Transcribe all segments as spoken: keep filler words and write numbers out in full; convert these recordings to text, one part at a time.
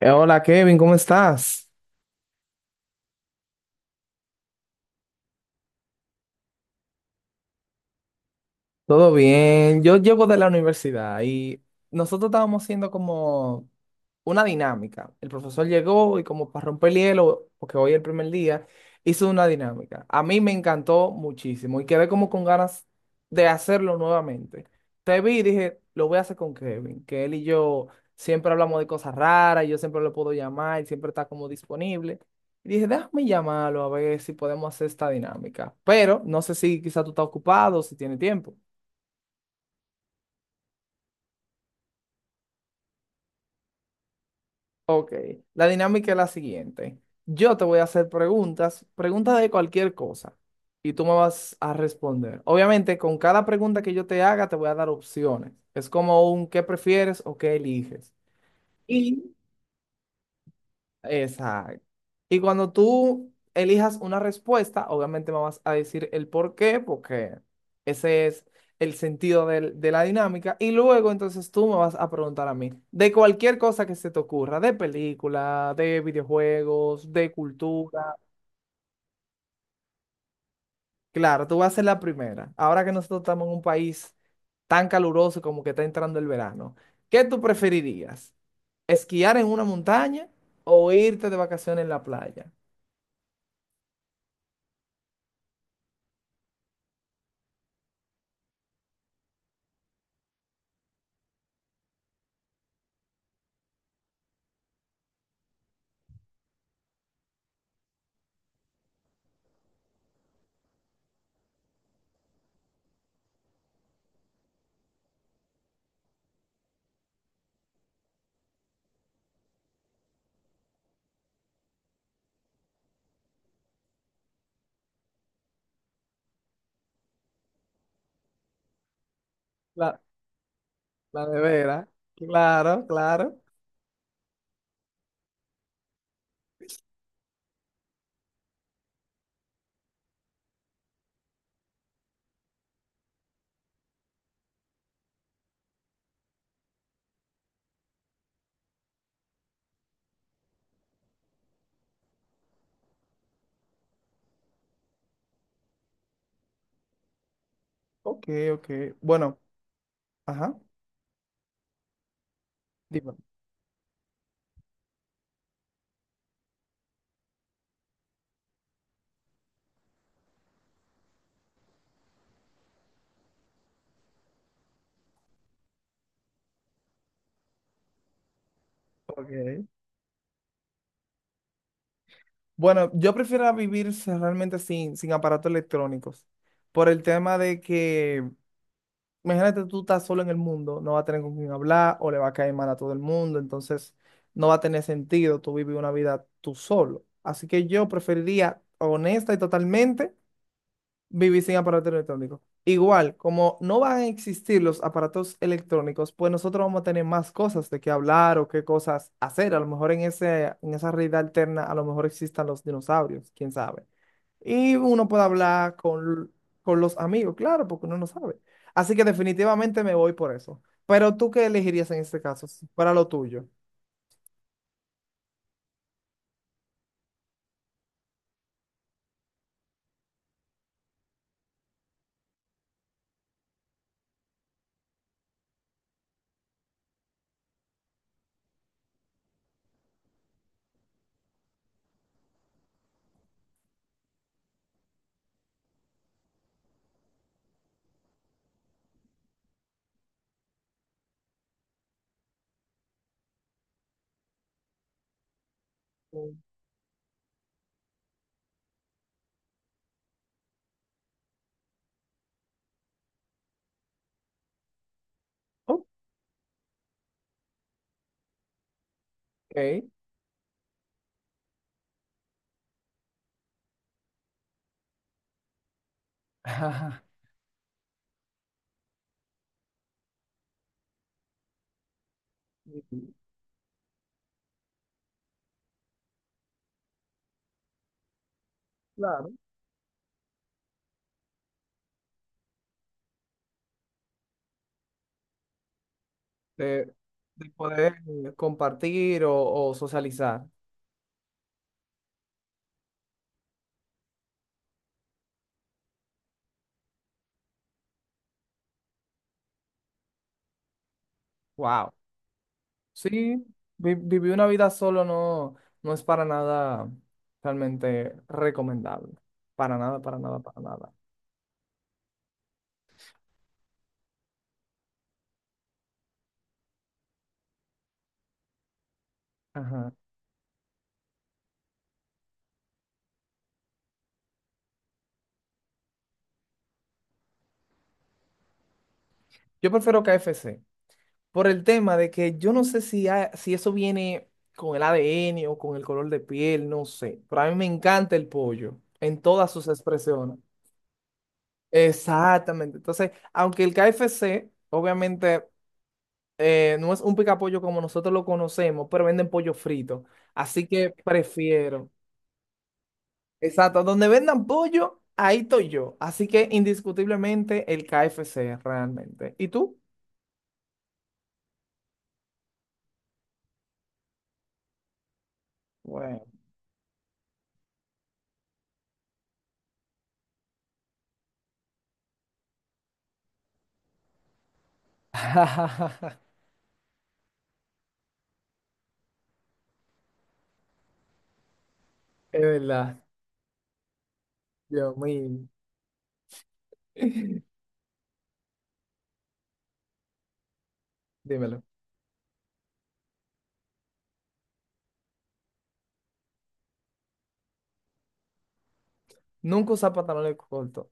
Eh, Hola Kevin, ¿cómo estás? Todo bien, yo llego de la universidad y nosotros estábamos haciendo como una dinámica. El profesor llegó y como para romper el hielo, porque hoy es el primer día, hizo una dinámica. A mí me encantó muchísimo y quedé como con ganas de hacerlo nuevamente. Te vi y dije, lo voy a hacer con Kevin, que él y yo siempre hablamos de cosas raras, y yo siempre lo puedo llamar, él siempre está como disponible. Y dije, déjame llamarlo a ver si podemos hacer esta dinámica. Pero no sé si quizá tú estás ocupado, si tiene tiempo. Ok, la dinámica es la siguiente. Yo te voy a hacer preguntas, preguntas de cualquier cosa, y tú me vas a responder. Obviamente, con cada pregunta que yo te haga, te voy a dar opciones. Es como un qué prefieres o qué eliges. Y exacto. Y cuando tú elijas una respuesta, obviamente me vas a decir el por qué, porque ese es el sentido del- de la dinámica. Y luego entonces tú me vas a preguntar a mí de cualquier cosa que se te ocurra, de película, de videojuegos, de cultura. Claro, tú vas a ser la primera. Ahora que nosotros estamos en un país tan caluroso como que está entrando el verano, ¿qué tú preferirías? ¿Esquiar en una montaña o irte de vacaciones en la playa? La nevera. Claro, claro. Ok, ok. Bueno, ajá. Dime. Ok. Bueno, yo prefiero vivir s- realmente sin, sin aparatos electrónicos. Por el tema de que, imagínate, tú estás solo en el mundo, no va a tener con quién hablar o le va a caer mal a todo el mundo, entonces no va a tener sentido tú vivir una vida tú solo. Así que yo preferiría, honesta y totalmente, vivir sin aparatos electrónicos. Igual, como no van a existir los aparatos electrónicos, pues nosotros vamos a tener más cosas de qué hablar o qué cosas hacer. A lo mejor en ese, en esa realidad alterna, a lo mejor existan los dinosaurios, quién sabe. Y uno puede hablar con, con los amigos, claro, porque uno no sabe. Así que definitivamente me voy por eso. Pero tú qué elegirías en este caso, si fuera lo tuyo. Mm. Ok. Claro. De, de poder compartir o o socializar. Wow. Sí, vi- vivir una vida solo no, no es para nada realmente recomendable. Para nada, para nada, para nada. Ajá. Yo prefiero K F C por el tema de que yo no sé si, ha- si eso viene con el A D N o con el color de piel, no sé. Pero a mí me encanta el pollo en todas sus expresiones. Exactamente. Entonces, aunque el K F C, obviamente, eh, no es un picapollo como nosotros lo conocemos, pero venden pollo frito. Así que prefiero. Exacto, donde vendan pollo, ahí estoy yo. Así que indiscutiblemente el K F C, realmente. ¿Y tú? Bueno, es verdad. Yo muy, dímelo. Nunca usar pantalones cortos.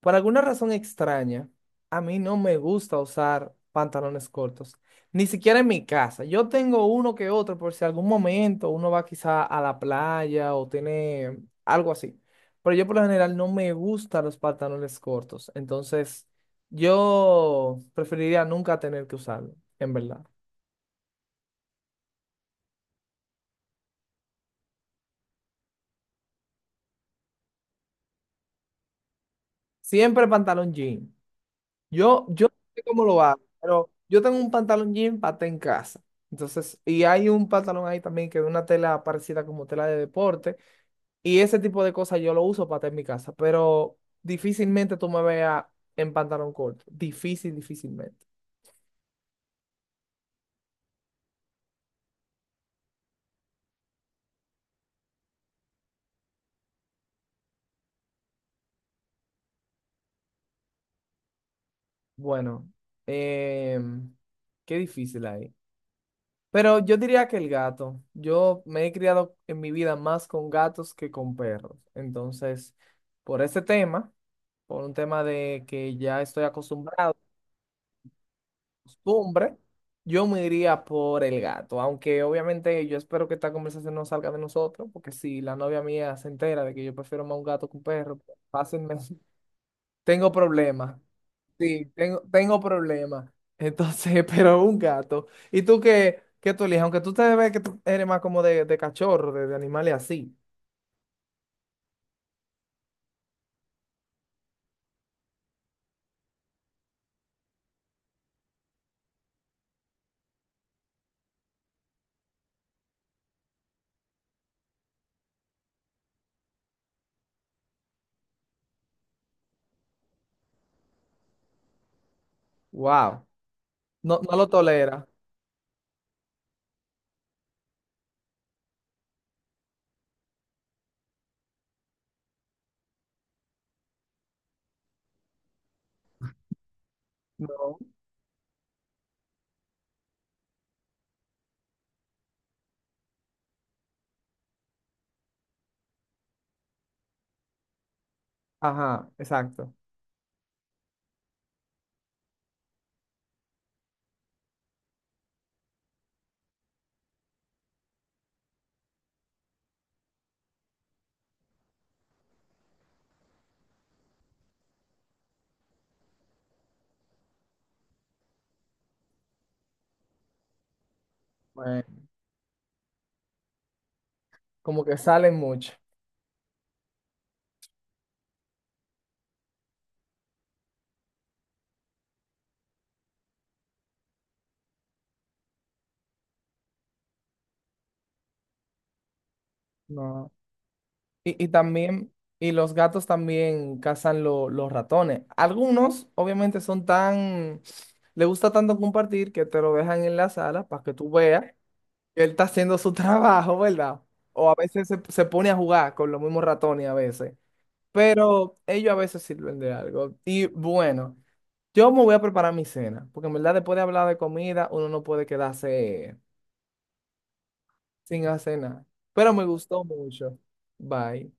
Por alguna razón extraña, a mí no me gusta usar pantalones cortos, ni siquiera en mi casa. Yo tengo uno que otro por si algún momento uno va quizá a la playa o tiene algo así. Pero yo por lo general no me gustan los pantalones cortos, entonces yo preferiría nunca tener que usarlo, en verdad. Siempre pantalón jean. Yo, yo no sé cómo lo hago, pero yo tengo un pantalón jean paté en casa. Entonces, y hay un pantalón ahí también que es una tela parecida como tela de deporte. Y ese tipo de cosas yo lo uso paté en mi casa, pero difícilmente tú me veas en pantalón corto. Difícil, difícilmente. Bueno, em, qué difícil ahí. Pero yo diría que el gato. Yo me he criado en mi vida más con gatos que con perros. Entonces, por ese tema. Por un tema de que ya estoy acostumbrado, costumbre, yo me iría por el gato, aunque obviamente yo espero que esta conversación no salga de nosotros, porque si la novia mía se entera de que yo prefiero más un gato que un perro, pues, fácilmente tengo problemas. Sí, tengo, tengo problemas. Entonces, pero un gato. ¿Y tú qué, qué tú eliges? Aunque tú te ves que tú eres más como de, de cachorro, de, de animales así. Wow. No, no lo tolera. No. Ajá, exacto. Bueno, como que salen mucho. No. Y, y también, y los gatos también cazan lo- los ratones. Algunos, obviamente, son tan, le gusta tanto compartir que te lo dejan en la sala para que tú veas que él está haciendo su trabajo, ¿verdad? O a veces se, se pone a jugar con los mismos ratones a veces. Pero ellos a veces sirven de algo. Y bueno, yo me voy a preparar mi cena, porque en verdad después de hablar de comida, uno no puede quedarse sin hacer nada. Pero me gustó mucho. Bye.